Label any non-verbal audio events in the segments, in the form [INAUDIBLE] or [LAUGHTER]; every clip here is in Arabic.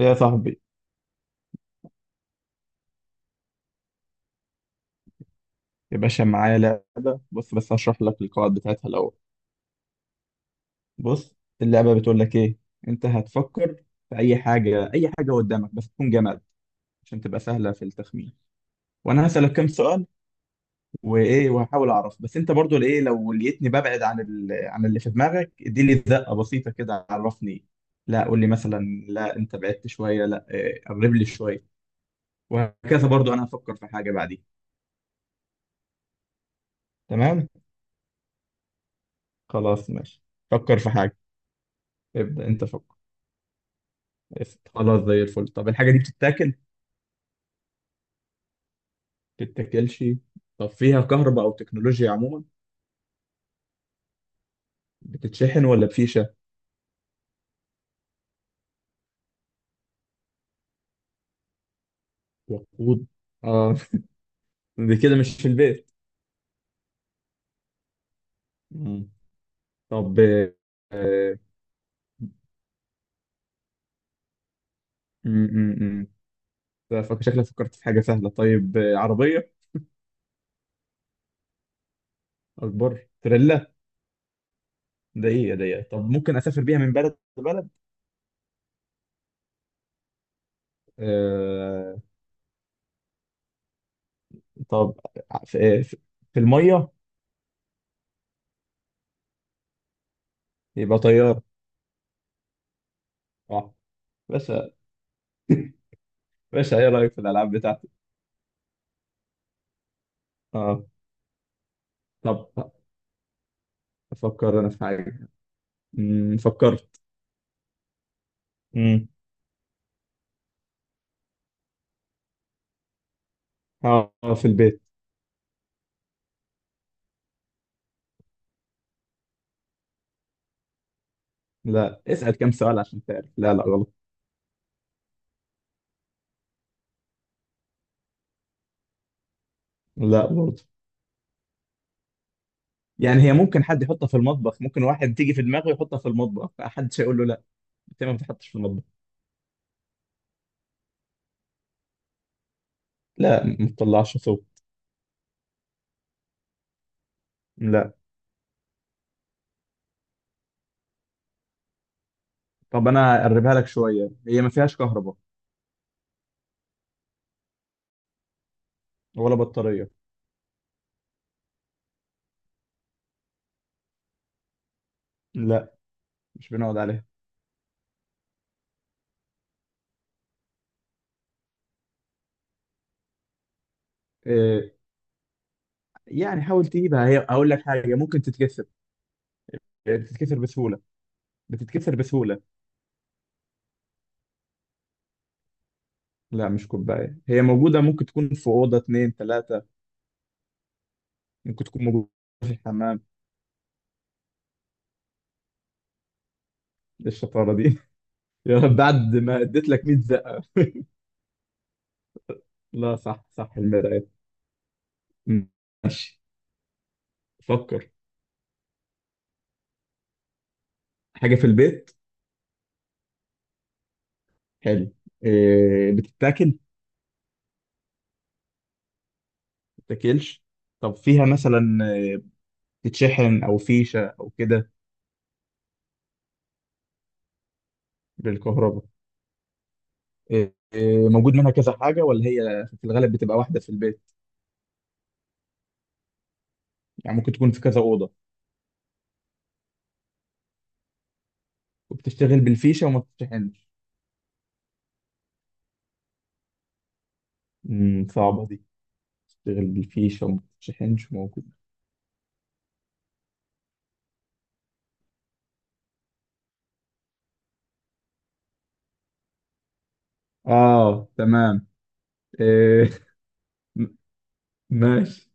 يا صاحبي، يا باشا معايا لعبة. بص، بس هشرح لك القواعد بتاعتها الأول. بص، اللعبة بتقول لك إيه. أنت هتفكر في أي حاجة، أي حاجة قدامك بس تكون جماد، عشان تبقى سهلة في التخمين. وأنا هسألك كام سؤال وإيه وهحاول أعرف، بس أنت برضو إيه، لو لقيتني ببعد عن عن اللي في دماغك إديلي زقة بسيطة كده، عرفني. لا، قول لي مثلا لا أنت بعدت شوية، لا قرب لي شوية. وهكذا. برضو أنا هفكر في حاجة بعدين. تمام، خلاص، ماشي. فكر في حاجة. ابدأ أنت، فكر. قشطة. خلاص، زي الفل. طب الحاجة دي بتتاكل بتتاكلش؟ طب فيها كهرباء أو تكنولوجيا عموما؟ بتتشحن ولا بفيشة؟ وقود، اه. [LAUGHS] دي كده مش في البيت. مم. طب آه، مم. شكلك فكرت في حاجة سهلة. طيب عربية. أكبر، تريلا؟ ده إيه؟ ده إيه؟ طب ممكن أسافر بيها من بلد لبلد؟ آه. طب ع- في, آه، في في المية؟ يبقى طيارة. اه، باشا. باشا، إيه رأيك في الألعاب بتاعتي؟ اه. طب، أفكر أنا في حاجة. فكرت. امم اه، في البيت. لا، اسأل كم سؤال عشان تعرف. لا لا، غلط. لا برضه. يعني هي ممكن حد يحطها في المطبخ، ممكن واحد تيجي في دماغه يحطها في المطبخ محدش هيقول له لا. انت ما بتحطش في المطبخ؟ لا، ما بتطلعش صوت. لا. طب انا اقربها لك شوية، هي ما فيهاش كهرباء ولا بطارية. لا، مش بنقعد عليها. إيه؟ يعني حاول تجيبها، هي اقول لك حاجة، ممكن تتكسر. بتتكسر بسهولة، بتتكسر بسهولة. لا مش كوباية، هي موجودة ممكن تكون في أوضة اتنين تلاتة. ممكن تكون موجودة في الحمام. إيه الشطارة دي؟ [LAUGHS] يا رب بعد ما اديت لك 100 زقة. [LAUGHS] لا، صح صح، المراية. مم. ماشي. فكر. حاجة في البيت. حلو. إيه، بتتاكل ما بتتاكلش؟ طب فيها مثلا إيه، بتتشحن او فيشة او كده؟ بالكهرباء. إيه إيه، موجود منها كذا حاجة ولا هي في الغالب بتبقى واحدة في البيت؟ يعني ممكن تكون في كذا أوضة؟ وبتشتغل بالفيشة وما بتتشحنش. امم، صعبة دي. بتشتغل بالفيشة وما بتتشحنش، موجود. اه، تمام. آه، ماشي.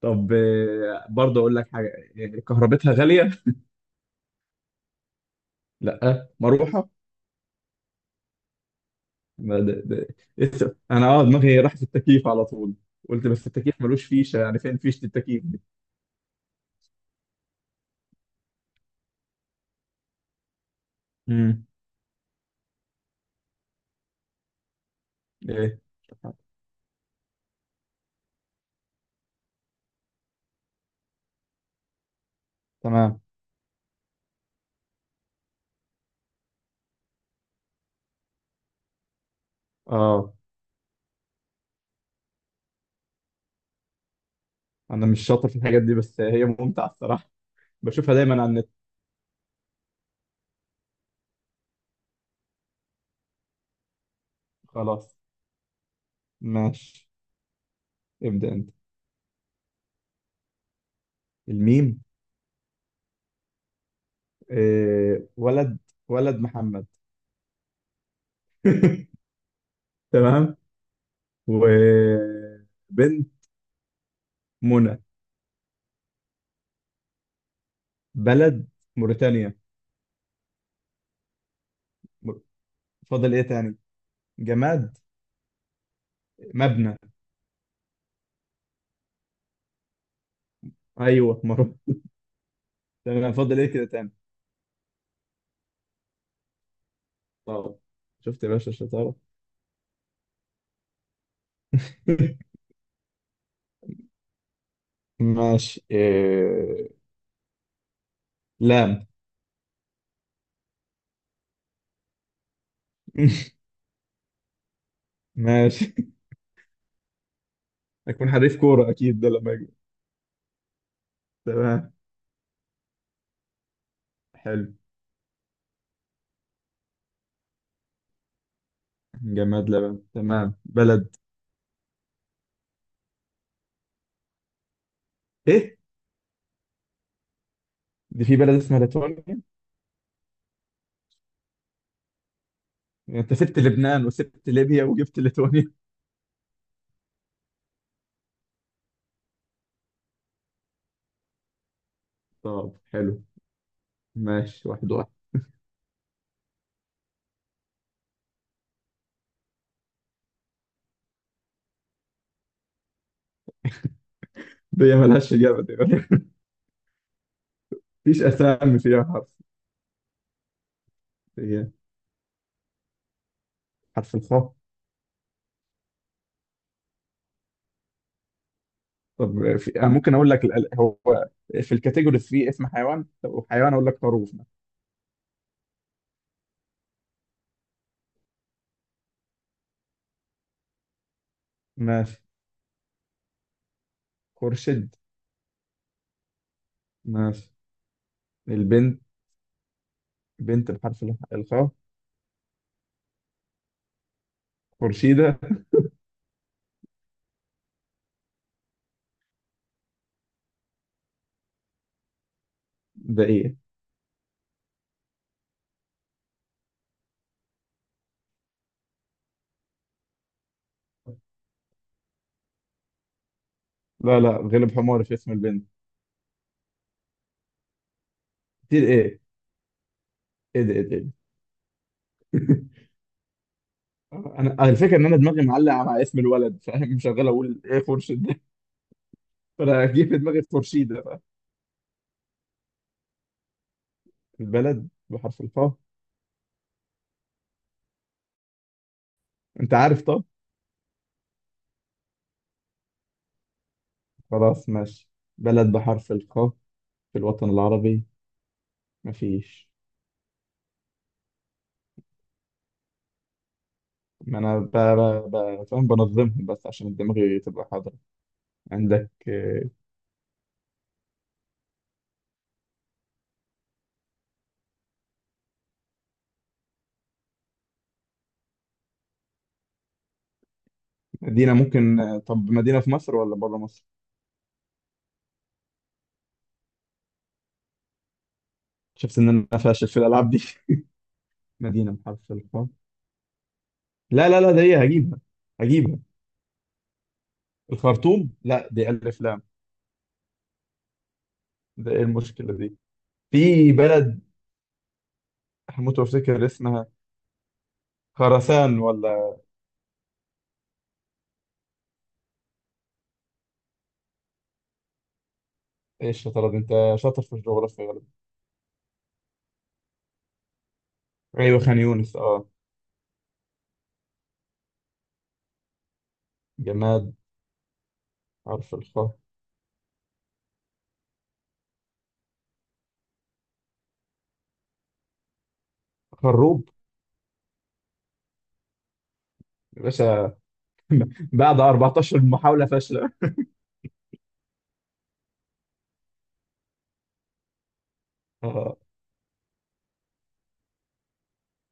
طب برضه اقول لك حاجه، كهربتها غاليه. لا، مروحه. ما ده ده، إيه، انا دماغي راح في التكييف على طول. قلت بس التكييف ملوش فيشه، يعني فين فيشه التكييف دي. امم ايه. تمام. اه، انا مش شاطر في الحاجات دي بس هي ممتعه الصراحه، بشوفها دايما على النت. خلاص، ماشي. ابدا انت. الميم. ولد، ولد محمد. [LAUGHS] تمام. وبنت، منى. بلد، موريتانيا. مر- فاضل ايه تاني؟ جماد، مبنى. ايوه، مرة. تمام. فاضل ايه كده تاني؟ طب، شفت يا باشا الشطارة؟ [LAUGHS] ماشي. لام. [LAUGHS] ماشي. اكون حريف كورة اكيد ده لما اجي. تمام. حلو. جماد، لبن. تمام. بلد، ايه؟ دي في بلد اسمها ليتوانيا يعني؟ انت سبت لبنان وسبت ليبيا وجبت ليتوانيا؟ طب، حلو. ماشي، واحد واحد. دي ملهاش اجابة دي. [LAUGHS] مفيش اسامي فيها حرف. هي حرف الخاء. أنا ممكن أقول لك هو في الكاتيجوري في اسم حيوان، لو حيوان أقول لك خروف مثلا. ماشي، خورشيد. ماشي. البنت، بنت بحرف الخاء، خورشيدة. ده إيه؟ لا لا، غلب حماري في اسم البنت. كتير إيه؟ إيه ده؟ إيه ده؟ إيه ده؟ [LAUGHS] أنا الفكرة إن أنا دماغي معلقة مع اسم الولد، فاهم، شغال أقول إيه، خورشيد [LAUGHS] ده، فأنا جه في دماغي خورشيدة بقى. البلد بحرف الخاء. أنت عارف؟ طب، خلاص، ماشي، بلد بحرف الخاء في الوطن العربي؟ مفيش. ما انا فاهم بنظمهم بس عشان دماغي تبقى حاضرة. عندك مدينة ممكن؟ طب مدينة في مصر ولا بره مصر؟ شفت ان انا فاشل في الالعاب دي؟ [LAUGHS] مدينة بحرف الخاء. لا لا لا، ده هي هجيبها، هجيبها. الخرطوم، لا دي الف لام. ده ايه المشكلة دي؟ في بلد، هموت وافتكر اسمها. خراسان ولا؟ ايه الشطارة دي انت، شاطر في الجغرافيا غالبا. ايوه، خان يونس، اه. جماد حرف الخاء، خروب. يا باشا، بعد 14 محاولة فاشلة. [LAUGHS]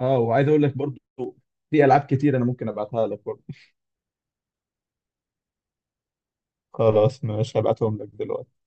اه، وعايز اقول لك برضو، في العاب كتير انا ممكن ابعتها لك برضو. خلاص، مش هبعتهم لك دلوقتي.